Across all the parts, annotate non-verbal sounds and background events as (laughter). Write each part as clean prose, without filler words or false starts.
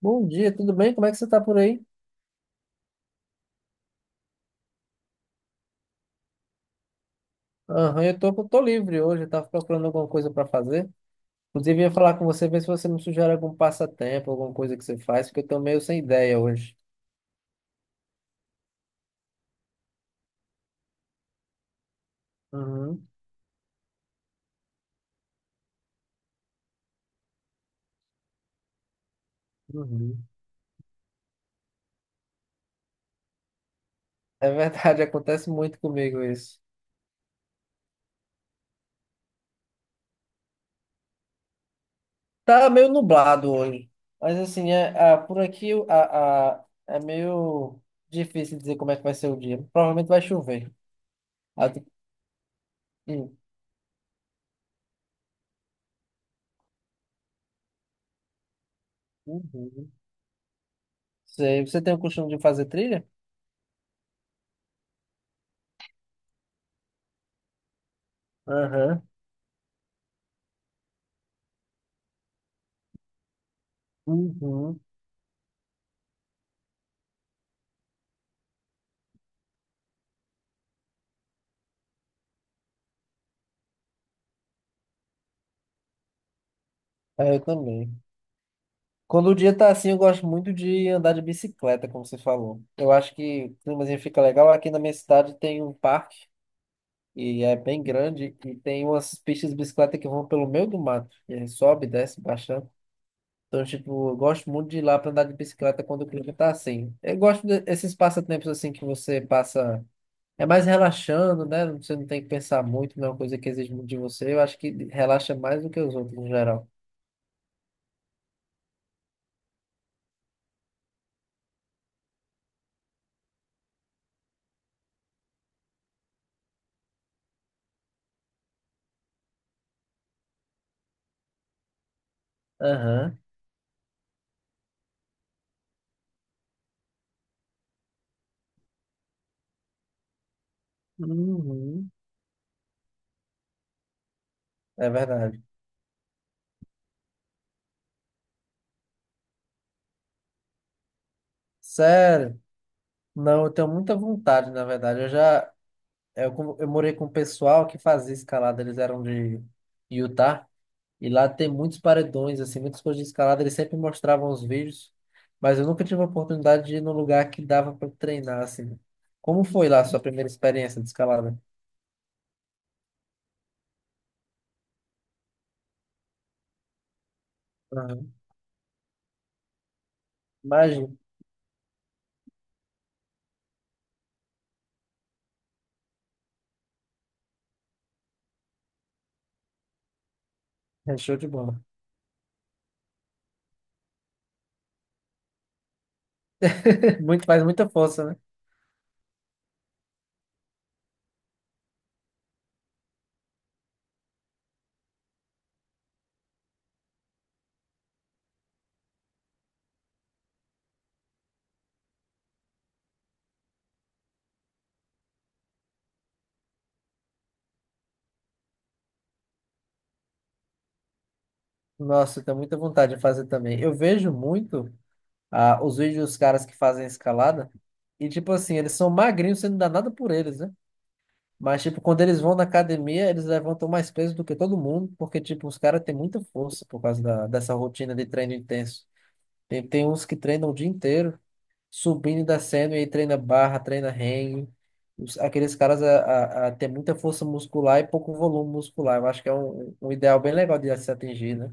Bom dia, tudo bem? Como é que você tá por aí? Aham, eu tô livre hoje, eu tava procurando alguma coisa para fazer. Inclusive, ia falar com você, ver se você me sugere algum passatempo, alguma coisa que você faz, porque eu tô meio sem ideia hoje. Uhum, uhum. É verdade, (laughs) acontece muito comigo isso. Tá meio nublado hoje, mas assim, por aqui é meio difícil dizer como é que vai ser o dia. Provavelmente vai chover. Ah, hum, uhum. Sei. Você tem o costume de fazer trilha? Aham. Uhum. É, eu também. Quando o dia tá assim, eu gosto muito de andar de bicicleta, como você falou. Eu acho que o climazinho fica legal. Aqui na minha cidade tem um parque, e é bem grande, e tem umas pistas de bicicleta que vão pelo meio do mato. E aí sobe, desce, baixando. Então, tipo, eu gosto muito de ir lá pra andar de bicicleta quando o clima tá assim. Eu gosto desses passatempos assim que você passa. É mais relaxando, né? Você não tem que pensar muito, não é uma coisa que exige muito de você. Eu acho que relaxa mais do que os outros, no geral. Aham. Uhum, é verdade. Sério? Não, eu tenho muita vontade, na verdade. Eu já é, eu, com- eu morei com um pessoal que fazia escalada, eles eram de Utah, e lá tem muitos paredões, assim, muitas coisas de escalada, eles sempre mostravam os vídeos, mas eu nunca tive a oportunidade de ir num lugar que dava para treinar, assim. Como foi lá a sua primeira experiência de escalada? Uhum. Imagina, é show de bola. (laughs) Muito, faz muita força, né? Nossa, eu tenho muita vontade de fazer também. Eu vejo muito. Os vídeos dos caras que fazem escalada. E, tipo assim, eles são magrinhos, você não dá nada por eles, né? Mas, tipo, quando eles vão na academia, eles levantam mais peso do que todo mundo, porque, tipo, os caras têm muita força por causa dessa rotina de treino intenso. Tem uns que treinam o dia inteiro, subindo e descendo, e aí treina barra, treina hang. Aqueles caras a têm muita força muscular e pouco volume muscular. Eu acho que é um ideal bem legal de se atingir, né?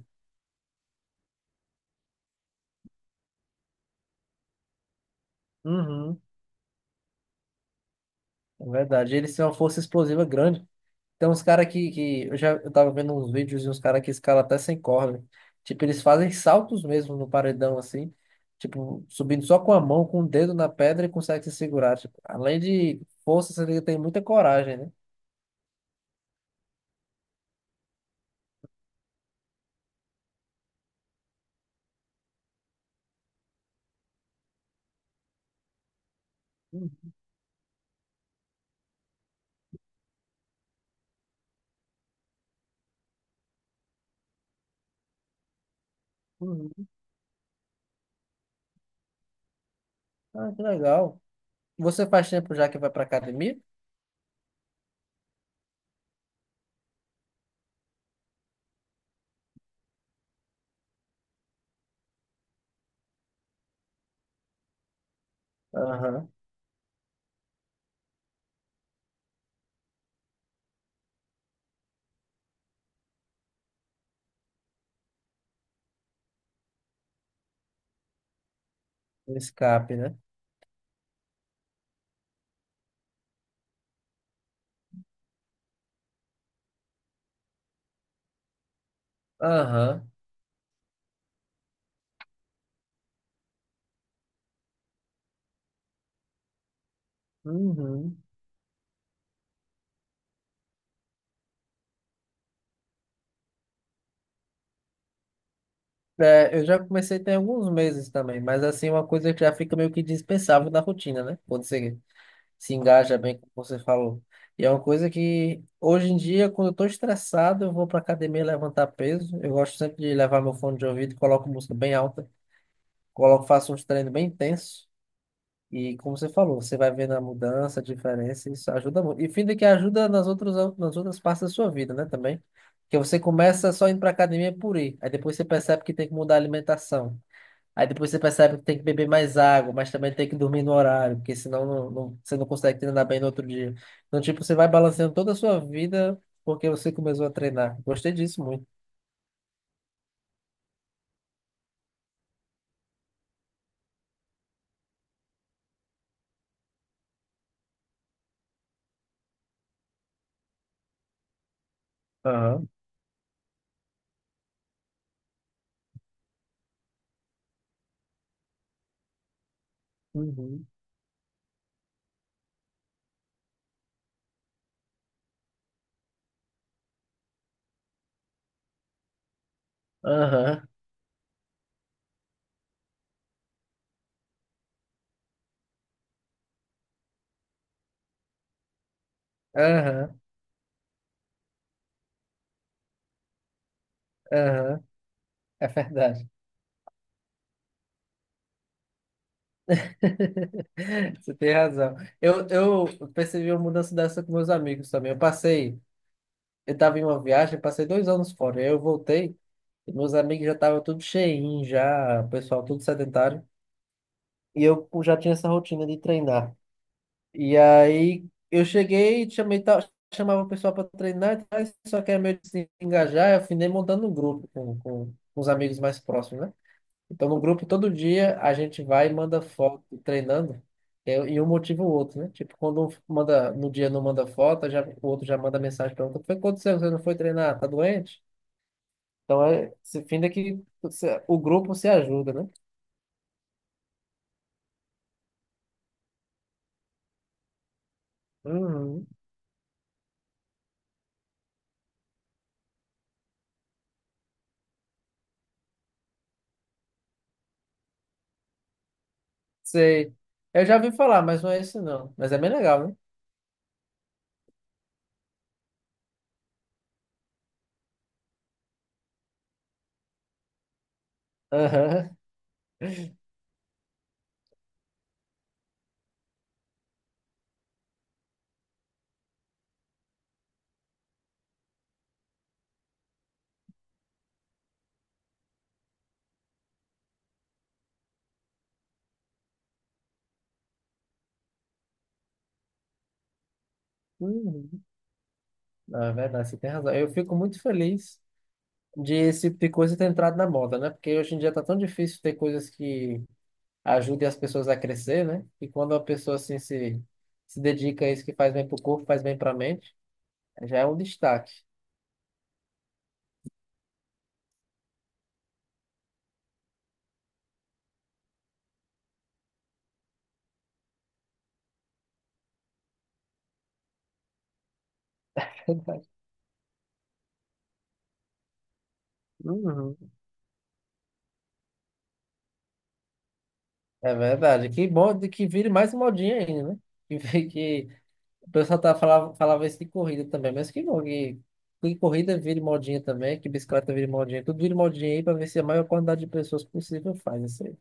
Uhum, é verdade. Eles têm uma força explosiva grande. Tem uns caras que eu tava vendo uns vídeos e uns caras que escalam até sem corda. Tipo, eles fazem saltos mesmo no paredão, assim. Tipo, subindo só com a mão, com o dedo na pedra e consegue se segurar. Tipo, além de força, você tem muita coragem, né? Uhum. Ah, que legal. Você faz tempo já que vai pra academia? Aham. Um escape, né? Aham. Uhum. É, eu já comecei tem alguns meses também, mas assim, é uma coisa que já fica meio que dispensável na rotina, né? Quando você se engaja bem, como você falou. E é uma coisa que, hoje em dia, quando eu estou estressado, eu vou para academia levantar peso. Eu gosto sempre de levar meu fone de ouvido, coloco música bem alta, coloco, faço uns treinos bem intensos. E como você falou, você vai vendo a mudança, a diferença, isso ajuda muito. E fim de que ajuda nas outras partes da sua vida, né, também. Porque você começa só indo para academia por ir, aí depois você percebe que tem que mudar a alimentação. Aí depois você percebe que tem que beber mais água, mas também tem que dormir no horário, porque senão você não consegue treinar bem no outro dia. Então, tipo, você vai balanceando toda a sua vida porque você começou a treinar. Gostei disso muito. Aham. Uhum. Aham. Aham. Aham. É verdade. (laughs) Você tem razão. Eu percebi uma mudança dessa com meus amigos também. Eu estava em uma viagem, passei 2 anos fora. Aí eu voltei, e meus amigos já estavam tudo cheinho, já, o pessoal tudo sedentário. E eu já tinha essa rotina de treinar. E aí eu cheguei, chamei, chamava o pessoal para treinar, e tal, só que era meio de se engajar, eu afinei montando um grupo com os amigos mais próximos, né? Então no grupo todo dia a gente vai e manda foto treinando, e um motiva o outro, né? Tipo, quando um manda, no dia não manda foto, já, o outro já manda mensagem para outro, foi quando você não foi treinar, tá doente? Então é, se finda que o grupo se ajuda, né? Uhum. Sei. Eu já ouvi falar, mas não é isso não. Mas é bem legal, né? Aham. Uhum. Não, é verdade, você tem razão. Eu fico muito feliz de esse tipo de coisa ter entrado na moda, né? Porque hoje em dia tá tão difícil ter coisas que ajudem as pessoas a crescer, né? E quando a pessoa assim se dedica a isso que faz bem pro corpo, faz bem pra mente, já é um destaque. (laughs) Verdade. Uhum. É verdade. Que bom de que vire mais modinha ainda, né? Que, vi- que O pessoal falava isso de corrida também, mas que bom que, corrida vire modinha também, que bicicleta vire modinha, tudo vire modinha aí para ver se a maior quantidade de pessoas possível faz isso aí.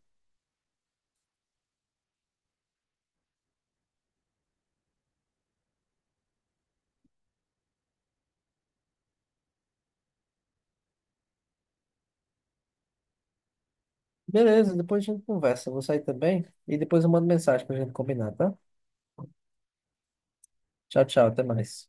Beleza, depois a gente conversa. Eu vou sair também e depois eu mando mensagem pra gente combinar, tá? Tchau, tchau, até mais.